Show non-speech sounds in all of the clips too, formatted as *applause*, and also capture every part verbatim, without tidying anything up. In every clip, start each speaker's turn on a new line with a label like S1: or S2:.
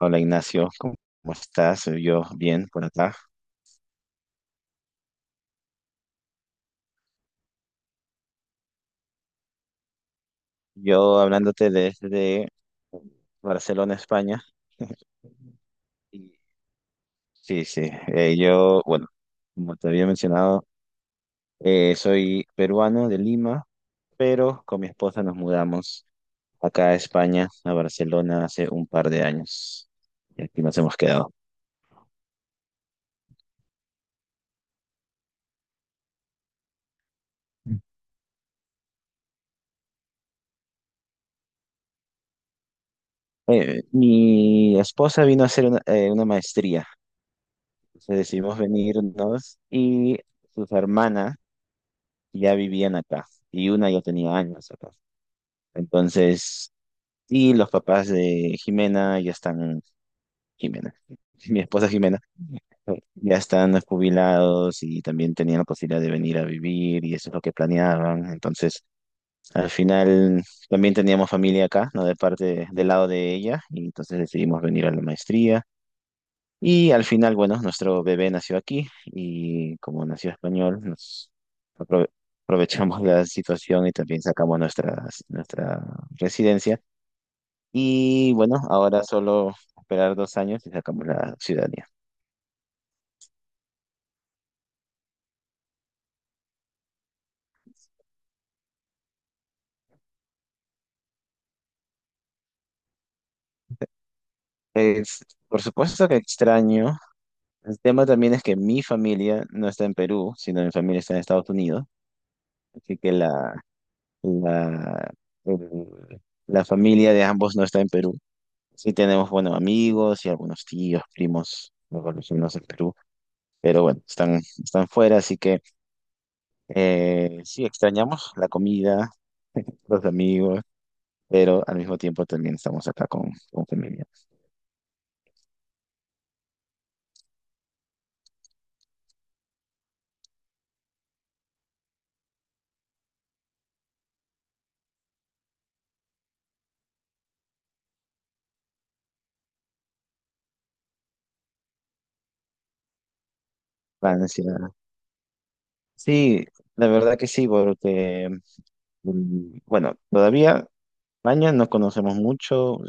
S1: Hola Ignacio, ¿cómo estás? Eh, Yo bien por acá. Yo hablándote desde Barcelona, España. *laughs* Y- Sí, sí. Eh, yo, bueno, como te había mencionado, eh, soy peruano de Lima, pero con mi esposa nos mudamos acá a España, a Barcelona, hace un par de años. Y aquí nos hemos quedado. Eh, mi esposa vino a hacer una, eh, una maestría. Entonces decidimos venirnos y sus hermanas ya vivían acá y una ya tenía años acá. Entonces, y los papás de Jimena ya están, Jimena, *laughs* mi esposa Jimena, ya están jubilados y también tenían la posibilidad de venir a vivir y eso es lo que planeaban. Entonces, al final también teníamos familia acá, ¿no? De parte, del lado de ella y entonces decidimos venir a la maestría. Y al final, bueno, nuestro bebé nació aquí y como nació español, nos aprove- aprovechamos la situación y también sacamos nuestras, nuestra residencia. Y bueno, ahora solo esperar dos años y sacamos la ciudadanía. Es, por supuesto que extraño. El tema también es que mi familia no está en Perú, sino mi familia está en Estados Unidos. Así que la, la, el- la familia de ambos no está en Perú. Sí tenemos buenos amigos y algunos tíos, primos, luego los vecinos del Perú, pero bueno, están, están fuera, así que eh, sí extrañamos la comida, los amigos, pero al mismo tiempo también estamos acá con, con familia. Francia. Sí, la verdad que sí, porque, mm, bueno, todavía España no conocemos mucho,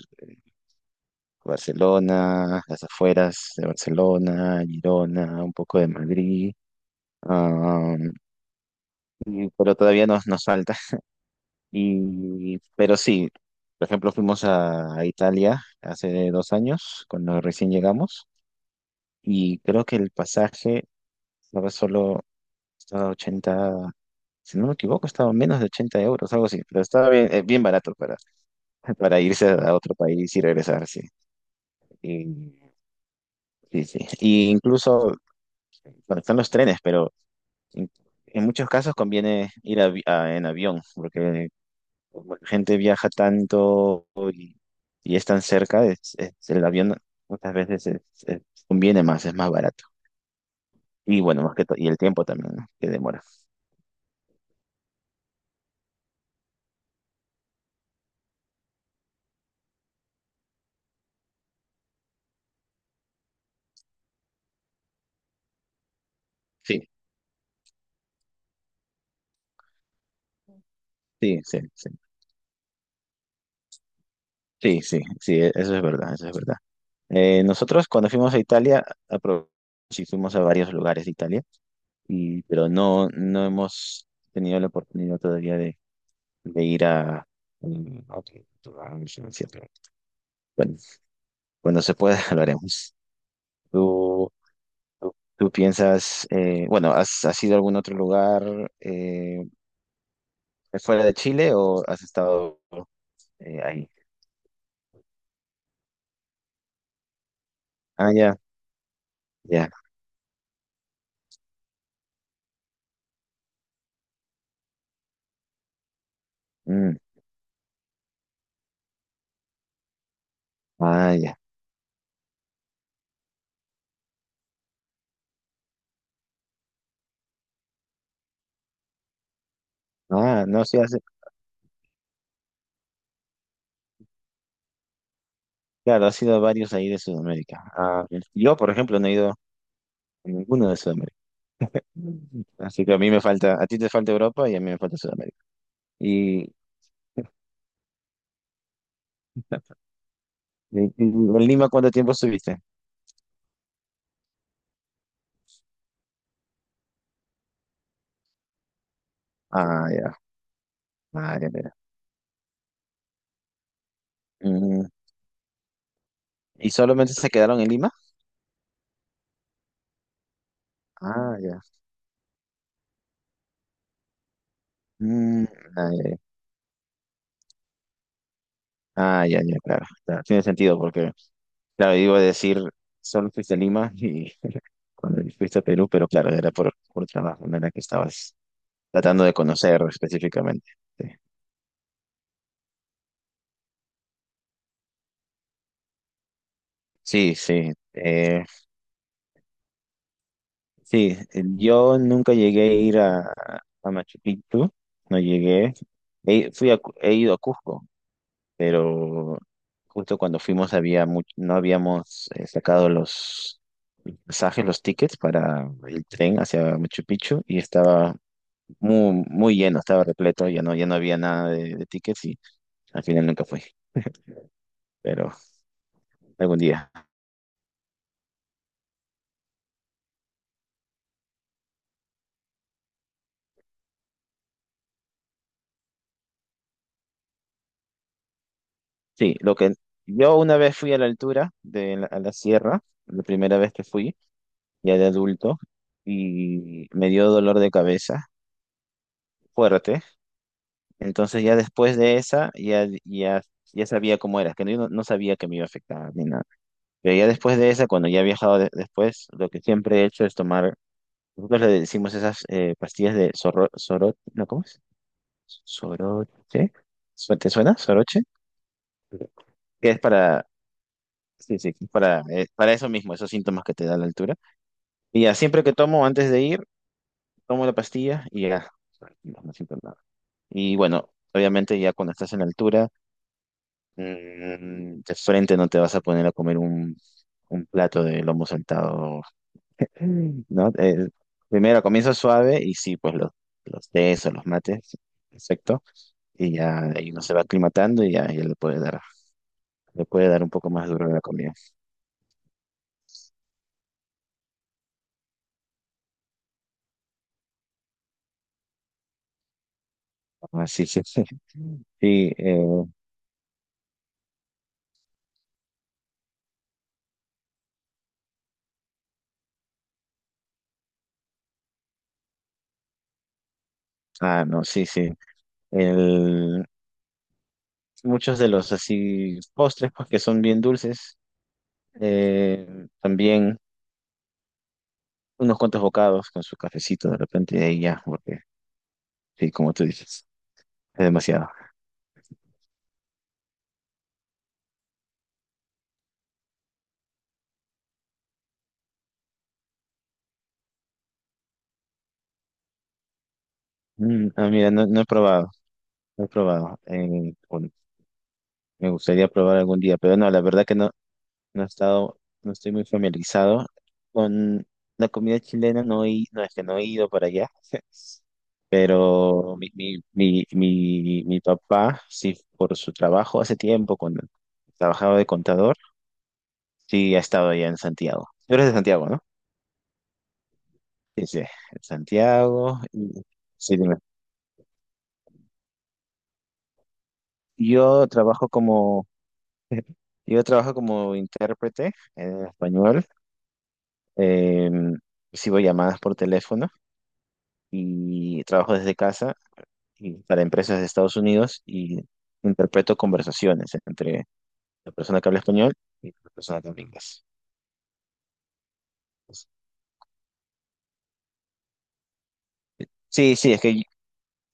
S1: Barcelona, las afueras de Barcelona, Girona, un poco de Madrid. Ah, y- pero todavía nos, nos falta. Y, pero sí, por ejemplo, fuimos a, a Italia hace dos años, cuando recién llegamos, y creo que el pasaje estaba solo, estaba ochenta si no me equivoco, estaba menos de ochenta euros, algo así, pero estaba bien, eh, bien barato para, *laughs* para irse a otro país y regresar, sí. Y, sí, sí. Y incluso, bueno, están los trenes, pero en, en muchos casos conviene ir avi- a- en avión, porque como la gente viaja tanto y, y es tan cerca, es, es- el avión muchas veces es- es- conviene más, es más barato. Y bueno, más que todo, y el tiempo también, ¿no? Que demora. Sí, sí, sí, sí, sí, sí, sí, e- eso es verdad, eso es verdad. Eh, nosotros cuando fuimos a Italia, aprovechamos y fuimos a varios lugares de Italia, y, pero no, no hemos tenido la oportunidad todavía de, de ir a mm, a otro- a otro- a un sitio. Bueno, cuando se pueda, *laughs* lo haremos. ¿Tú ¿Tú tú piensas, eh, bueno, has, has ido a algún otro lugar eh, fuera de Chile o has estado eh, ahí? Ah, ya, ya. Mm, ah, ya. Ah, no, sí, has- claro, has ido a varios ahí de Sudamérica. Ah, yo, por ejemplo, no he ido a ninguno de Sudamérica. Mm. Así que a mí me falta, a ti te falta Europa y a mí me falta Sudamérica. ¿Y, y- y en Lima cuánto tiempo estuviste? Ah, ya, ah, ya, mira. Mm, ¿y solamente se quedaron en Lima? Ah, ya. Mm, ah, ya. Ah, ya, ya, claro. Claro, tiene sentido porque, claro, iba a decir, solo fuiste a Lima y *laughs* cuando fuiste a Perú, pero claro, era por, por trabajo, no era que estabas tratando de conocer específicamente. Sí, sí. Sí, eh, sí, yo nunca llegué a ir a, a Machu Picchu, no llegué. He, fui a Cu- he ido a Cusco, pero justo cuando fuimos había mu- no habíamos eh, sacado los pasajes, los tickets para el tren hacia Machu Picchu y estaba muy, muy lleno, estaba repleto, ya no, ya no había nada de, de tickets y al final nunca fui, pero algún día. Sí, lo que yo una vez fui a la altura de la, a la sierra, la primera vez que fui, ya de adulto, y me dio dolor de cabeza fuerte, entonces ya después de esa ya, ya, ya sabía cómo era, que no, yo no no sabía que me iba a afectar ni nada. Pero ya después de esa, cuando ya he viajado de- después, lo que siempre he hecho es tomar, nosotros le decimos esas eh, pastillas de zorro, sorot, ¿no? ¿Cómo es? Soroche. ¿Su- ¿Te suena? Soroche. Que es para, sí, sí, es para, eh, para eso mismo, esos síntomas que te da la altura. Y ya, siempre que tomo antes de ir, tomo la pastilla y ya, tranquilo, no siento nada. Y bueno, obviamente ya cuando estás en altura, mm, de frente no te vas a poner a comer un, un plato de lomo saltado, ¿no? Eh, primero comienza suave y sí, pues los, los tés o los mates, perfecto. Y ya ahí uno se va aclimatando y ya, ya le puede dar. le puede dar un poco más duro a la comida. Así que *laughs* sí, sí, eh, ah, no, sí, sí. El, muchos de los así postres, pues que son bien dulces, eh, también unos cuantos bocados con su cafecito de repente y ahí ya, porque sí, como tú dices, es demasiado. Mm, ah, mira, no, no he probado, no he probado. Eh, bueno, me gustaría probar algún día, pero no, la verdad que no. No he estado, no estoy muy familiarizado con la comida chilena, no, he- no es que no he ido para allá, *laughs* pero mi, mi, mi, mi, mi papá, sí, por su trabajo hace tiempo, cuando trabajaba de contador, sí, ha estado allá en Santiago. Tú eres de Santiago, ¿no? Sí, sí, en Santiago. y- Sí, dime. Yo trabajo como, *laughs* yo trabajo como intérprete en español. Eh, recibo llamadas por teléfono y trabajo desde casa y para empresas de Estados Unidos y interpreto conversaciones entre la persona que habla español y la persona que habla inglés. Sí, sí, es que y-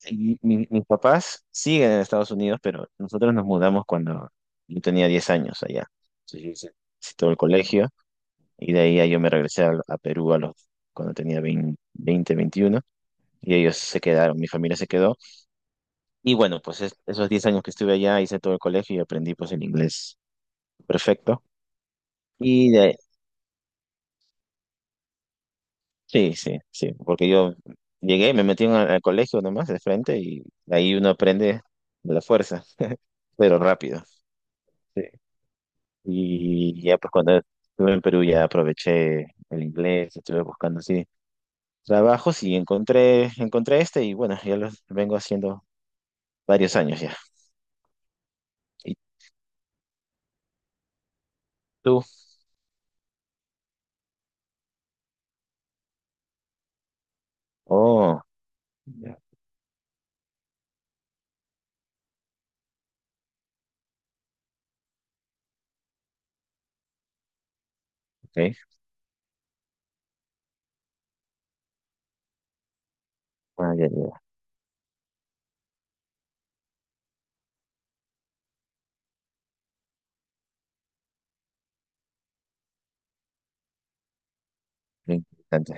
S1: y mi- mis papás siguen en Estados Unidos, pero nosotros nos mudamos cuando yo tenía diez años allá. Entonces yo hice hice todo el colegio y de ahí ya yo me regresé a, a Perú a los, cuando tenía veinte veinte veintiuno y ellos se quedaron, mi familia se quedó. Y bueno, pues es- esos diez años que estuve allá hice todo el colegio y aprendí pues el inglés perfecto. Y de, Sí, sí, sí, porque yo llegué, me metí en el, al colegio nomás de frente y ahí uno aprende de la fuerza, *laughs* pero rápido. Sí. Y ya pues cuando estuve en Perú ya aproveché el inglés, estuve buscando así trabajos y encontré, encontré este y bueno, ya lo vengo haciendo varios años ya. ¿Y tú? Oh, ya, ok, bueno, ya, ya, ya, interesante.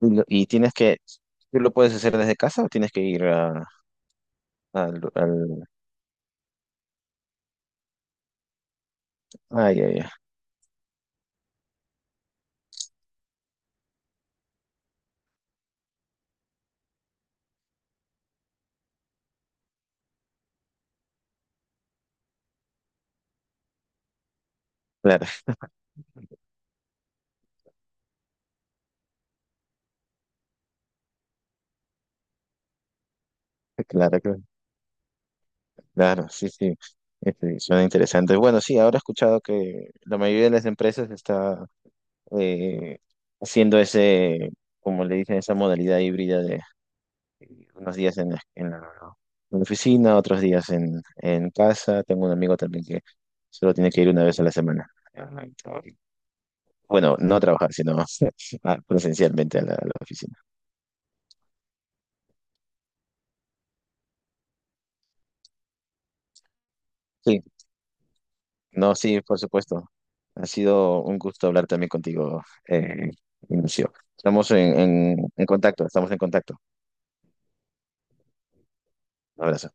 S1: ¿Y, lo- y tienes que, tú lo puedes hacer desde casa o tienes que ir a, al, al... Ah, ya, ya, claro. *laughs* Claro, claro. Claro, sí, sí, este, suena interesante. Bueno, sí, ahora he escuchado que la mayoría de las empresas está eh, haciendo ese, como le dicen, esa modalidad híbrida de eh, unos días en la, en la- en la oficina, otros días en, en casa. Tengo un amigo también que solo tiene que ir una vez a la semana. Ajá, y- bueno, no trabajar, sino *laughs* ah, presencialmente a la, a la oficina. Sí, no, sí, por supuesto. Ha sido un gusto hablar también contigo, eh, Ignacio. Estamos en, en en contacto, estamos en contacto. Un abrazo.